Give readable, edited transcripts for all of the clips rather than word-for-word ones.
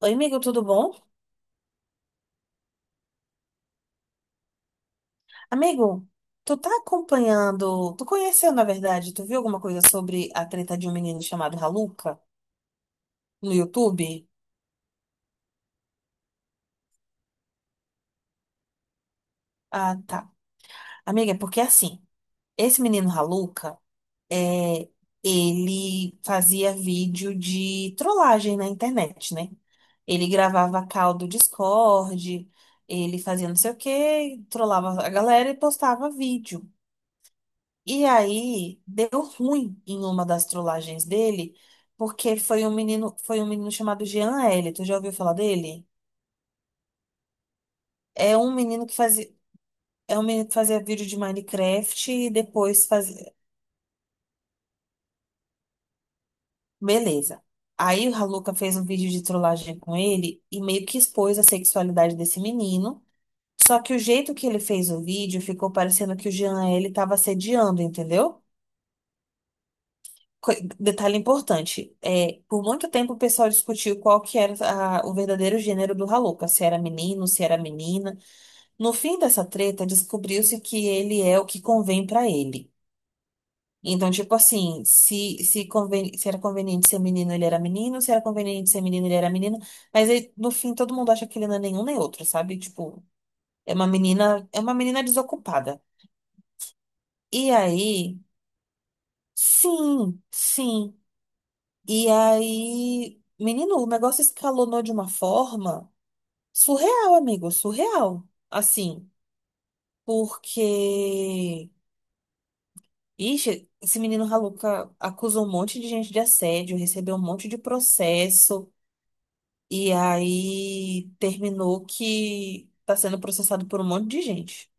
Oi, amigo, tudo bom? Amigo, tu tá acompanhando, tu conheceu, na verdade, tu viu alguma coisa sobre a treta de um menino chamado Raluca no YouTube? Ah, tá. Amiga, é porque assim, esse menino Raluca, é, ele fazia vídeo de trollagem na internet, né? Ele gravava call do Discord, ele fazia não sei o quê, trollava a galera e postava vídeo. E aí deu ruim em uma das trollagens dele, porque foi um menino chamado Jean L. Tu já ouviu falar dele? É um menino que fazia, é um menino que fazia vídeo de Minecraft e depois fazia, beleza. Aí a Luca fez um vídeo de trollagem com ele e meio que expôs a sexualidade desse menino. Só que o jeito que ele fez o vídeo ficou parecendo que o Jean L estava assediando, entendeu? co- Detalhe importante, por muito tempo o pessoal discutiu qual que era a- o verdadeiro gênero do Haluca, se era menino, se era menina. No fim dessa treta, descobriu-se que ele é o que convém pra ele. Então, tipo assim, se era conveniente ser menino, ele era menino, se era conveniente ser menino, ele era menina. Mas aí, no fim, todo mundo acha que ele não é nenhum nem outro, sabe? Tipo, é uma menina desocupada. E aí, sim, sim. E aí, menino, o negócio escalonou de uma forma surreal, amigo, surreal. Assim, porque. Ixi, esse menino Raluca acusou um monte de gente de assédio, recebeu um monte de processo, e aí terminou que tá sendo processado por um monte de gente.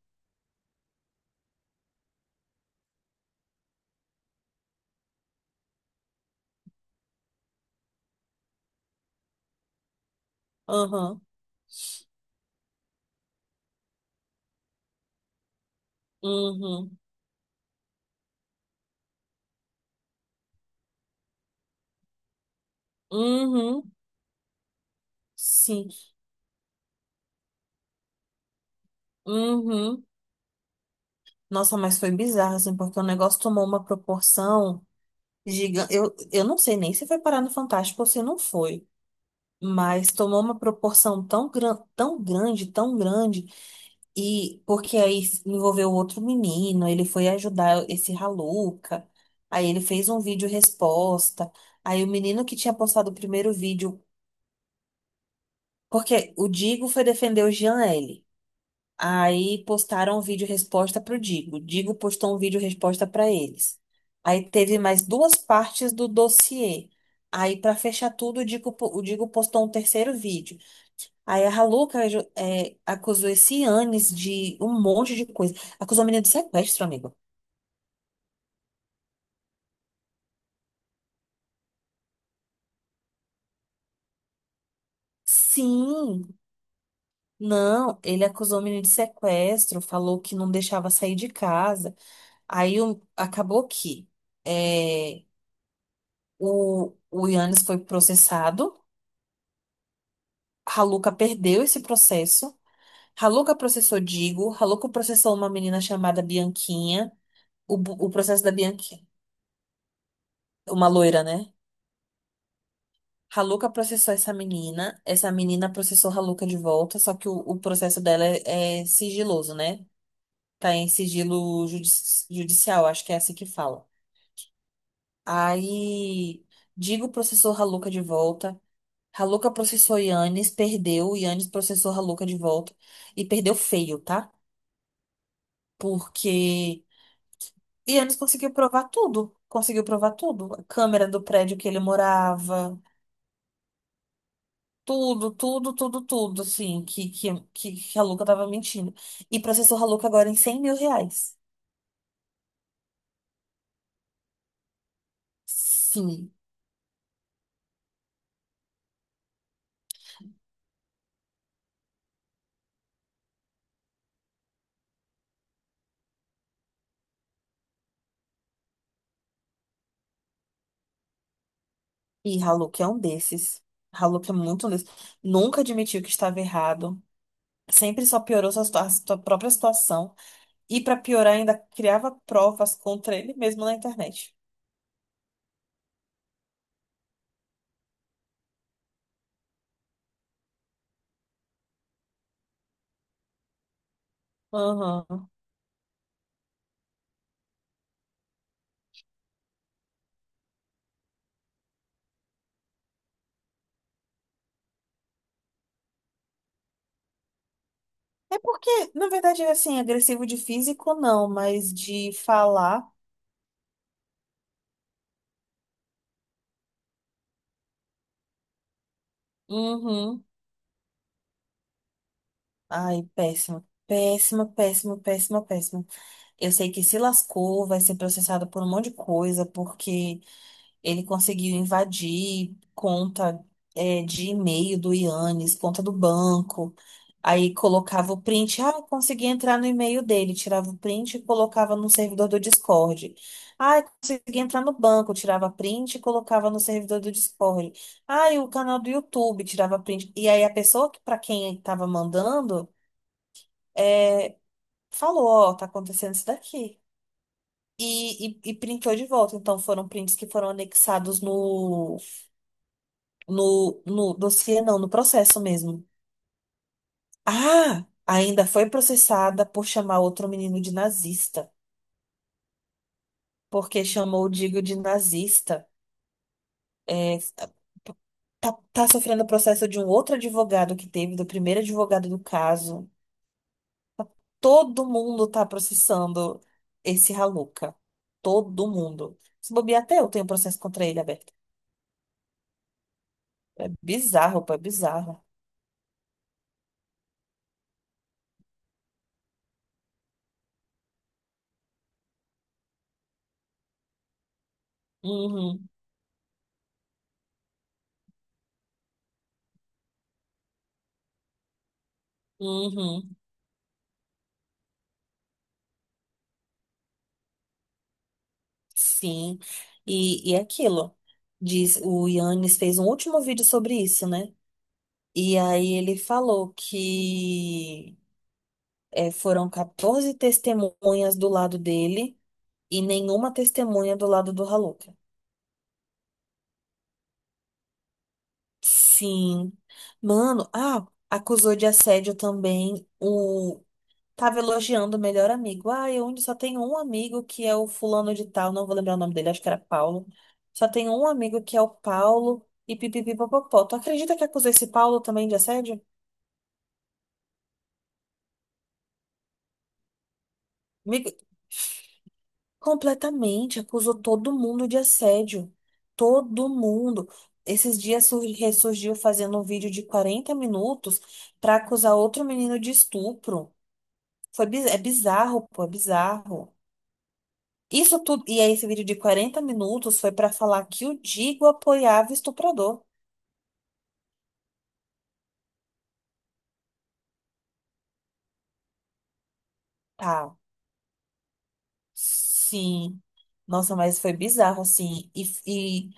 Aham. Uhum, uhum, sim, uhum. Nossa, mas foi bizarro, assim, porque o negócio tomou uma proporção. Gigante. Eu não sei nem se foi parar no Fantástico ou se não foi, mas tomou uma proporção tão grande, e porque aí envolveu outro menino, ele foi ajudar esse Raluca, aí ele fez um vídeo resposta, aí o menino que tinha postado o primeiro vídeo, porque o Digo foi defender o Jean L. Aí postaram um vídeo resposta pro Digo. Digo postou um vídeo resposta para eles. Aí teve mais duas partes do dossiê. Aí, para fechar tudo, o Digo postou um terceiro vídeo. Aí a Haluca acusou esse Anis de um monte de coisa. Acusou o menino de sequestro, amigo. Sim, não, ele acusou o menino de sequestro, falou que não deixava sair de casa. Acabou que é, o Yannis foi processado. Haluca perdeu esse processo. Haluca processou Digo. Haluca processou uma menina chamada Bianquinha. O processo da Bianquinha. Uma loira, né? Haluca processou essa menina. Essa menina processou Haluca de volta. Só que o processo dela é sigiloso, né? Tá em judicial, acho que é assim que fala. Aí, Digo processou Haluca de volta. Haluca processou Yannis, perdeu. Yannis processou Haluca de volta. E perdeu feio, tá? Porque. E eles conseguiu provar tudo. Conseguiu provar tudo. A câmera do prédio que ele morava. Tudo, tudo, tudo, tudo, assim, que a Haluca tava mentindo. E processou a Haluca agora em R$ 100.000. Sim. E Haluca é um desses. Haluca é muito um desses. Nunca admitiu que estava errado. Sempre só piorou sua própria situação. E pra piorar, ainda criava provas contra ele mesmo na internet. Aham. É porque, na verdade, assim, agressivo de físico não, mas de falar. Uhum. Ai, péssimo. Péssimo, péssimo, péssimo, péssimo. Eu sei que se lascou, vai ser processado por um monte de coisa, porque ele conseguiu invadir conta de e-mail do Yannis, conta do banco. Aí colocava o print. Ah, eu consegui entrar no e-mail dele. Tirava o print e colocava no servidor do Discord. Ah, eu consegui entrar no banco. Tirava print e colocava no servidor do Discord. Ah, e o canal do YouTube. Tirava print. E aí a pessoa que para quem estava mandando é, falou: Ó, tá acontecendo isso daqui. E, e printou de volta. Então foram prints que foram anexados no, no dossiê, não, no processo mesmo. Ah, ainda foi processada por chamar outro menino de nazista, porque chamou o Digo de nazista. É, tá, tá sofrendo o processo de um outro advogado que teve, do primeiro advogado do caso. Todo mundo tá processando esse Raluca. Todo mundo. Se bobear, até eu tenho processo contra ele aberto. É bizarro, pô, é bizarro. Uhum, uhum. Sim, e é aquilo. Diz, o Yannis fez um último vídeo sobre isso, né? E aí ele falou que foram 14 testemunhas do lado dele e nenhuma testemunha do lado do Raluca. Sim. Mano, ah, acusou de assédio também. Tava elogiando o melhor amigo. Ah, eu ainda só tenho um amigo que é o fulano de tal, não vou lembrar o nome dele, acho que era Paulo. Só tenho um amigo que é o Paulo e pipipipopopó. Tu acredita que acusou esse Paulo também de assédio? Amigo, completamente, acusou todo mundo de assédio. Todo mundo. Ressurgiu fazendo um vídeo de 40 minutos pra acusar outro menino de estupro. É bizarro, pô, é bizarro. Isso tudo, e aí esse vídeo de 40 minutos foi pra falar que o Digo apoiava o estuprador. Tá. Sim. Nossa, mas foi bizarro, assim. E, e,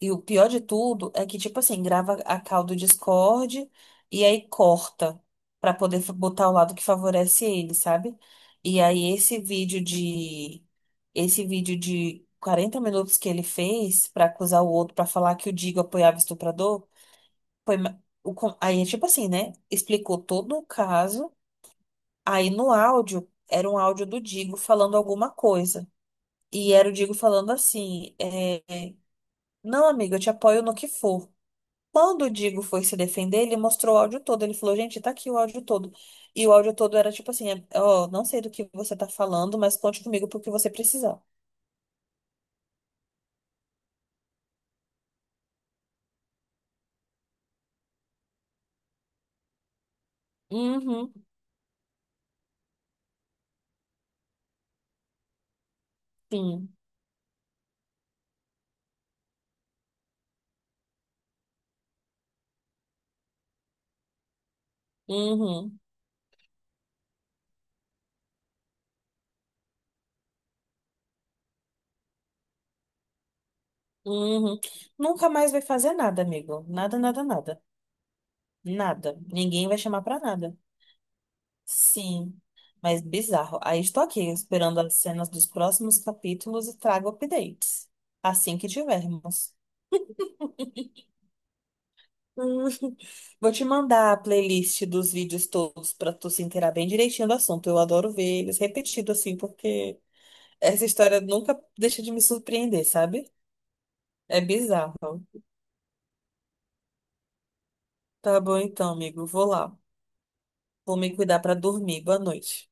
e o pior de tudo é que, tipo assim, grava a call do Discord e aí corta pra poder botar o lado que favorece ele, sabe? E aí esse vídeo de 40 minutos que ele fez pra acusar o outro, pra falar que o Digo apoiava o estuprador. Foi ma- o, con- Aí, tipo assim, né? Explicou todo o caso. Aí no áudio, era um áudio do Digo falando alguma coisa. E era o Digo falando assim: Não, amigo, eu te apoio no que for. Quando o Digo foi se defender, ele mostrou o áudio todo. Ele falou: Gente, tá aqui o áudio todo. E o áudio todo era tipo assim: Ó, não sei do que você tá falando, mas conte comigo pro que você precisar. Uhum, sim. Uhum, uhum. Nunca mais vai fazer nada, amigo. Nada, nada, nada. Nada. Ninguém vai chamar pra nada. Sim, mas bizarro. Aí estou aqui esperando as cenas dos próximos capítulos e trago updates. Assim que tivermos. Hum, vou te mandar a playlist dos vídeos todos para tu se inteirar bem direitinho do assunto. Eu adoro ver eles repetido assim, porque essa história nunca deixa de me surpreender, sabe? É bizarro. Tá bom então, amigo. Vou lá. Vou me cuidar para dormir. Boa noite.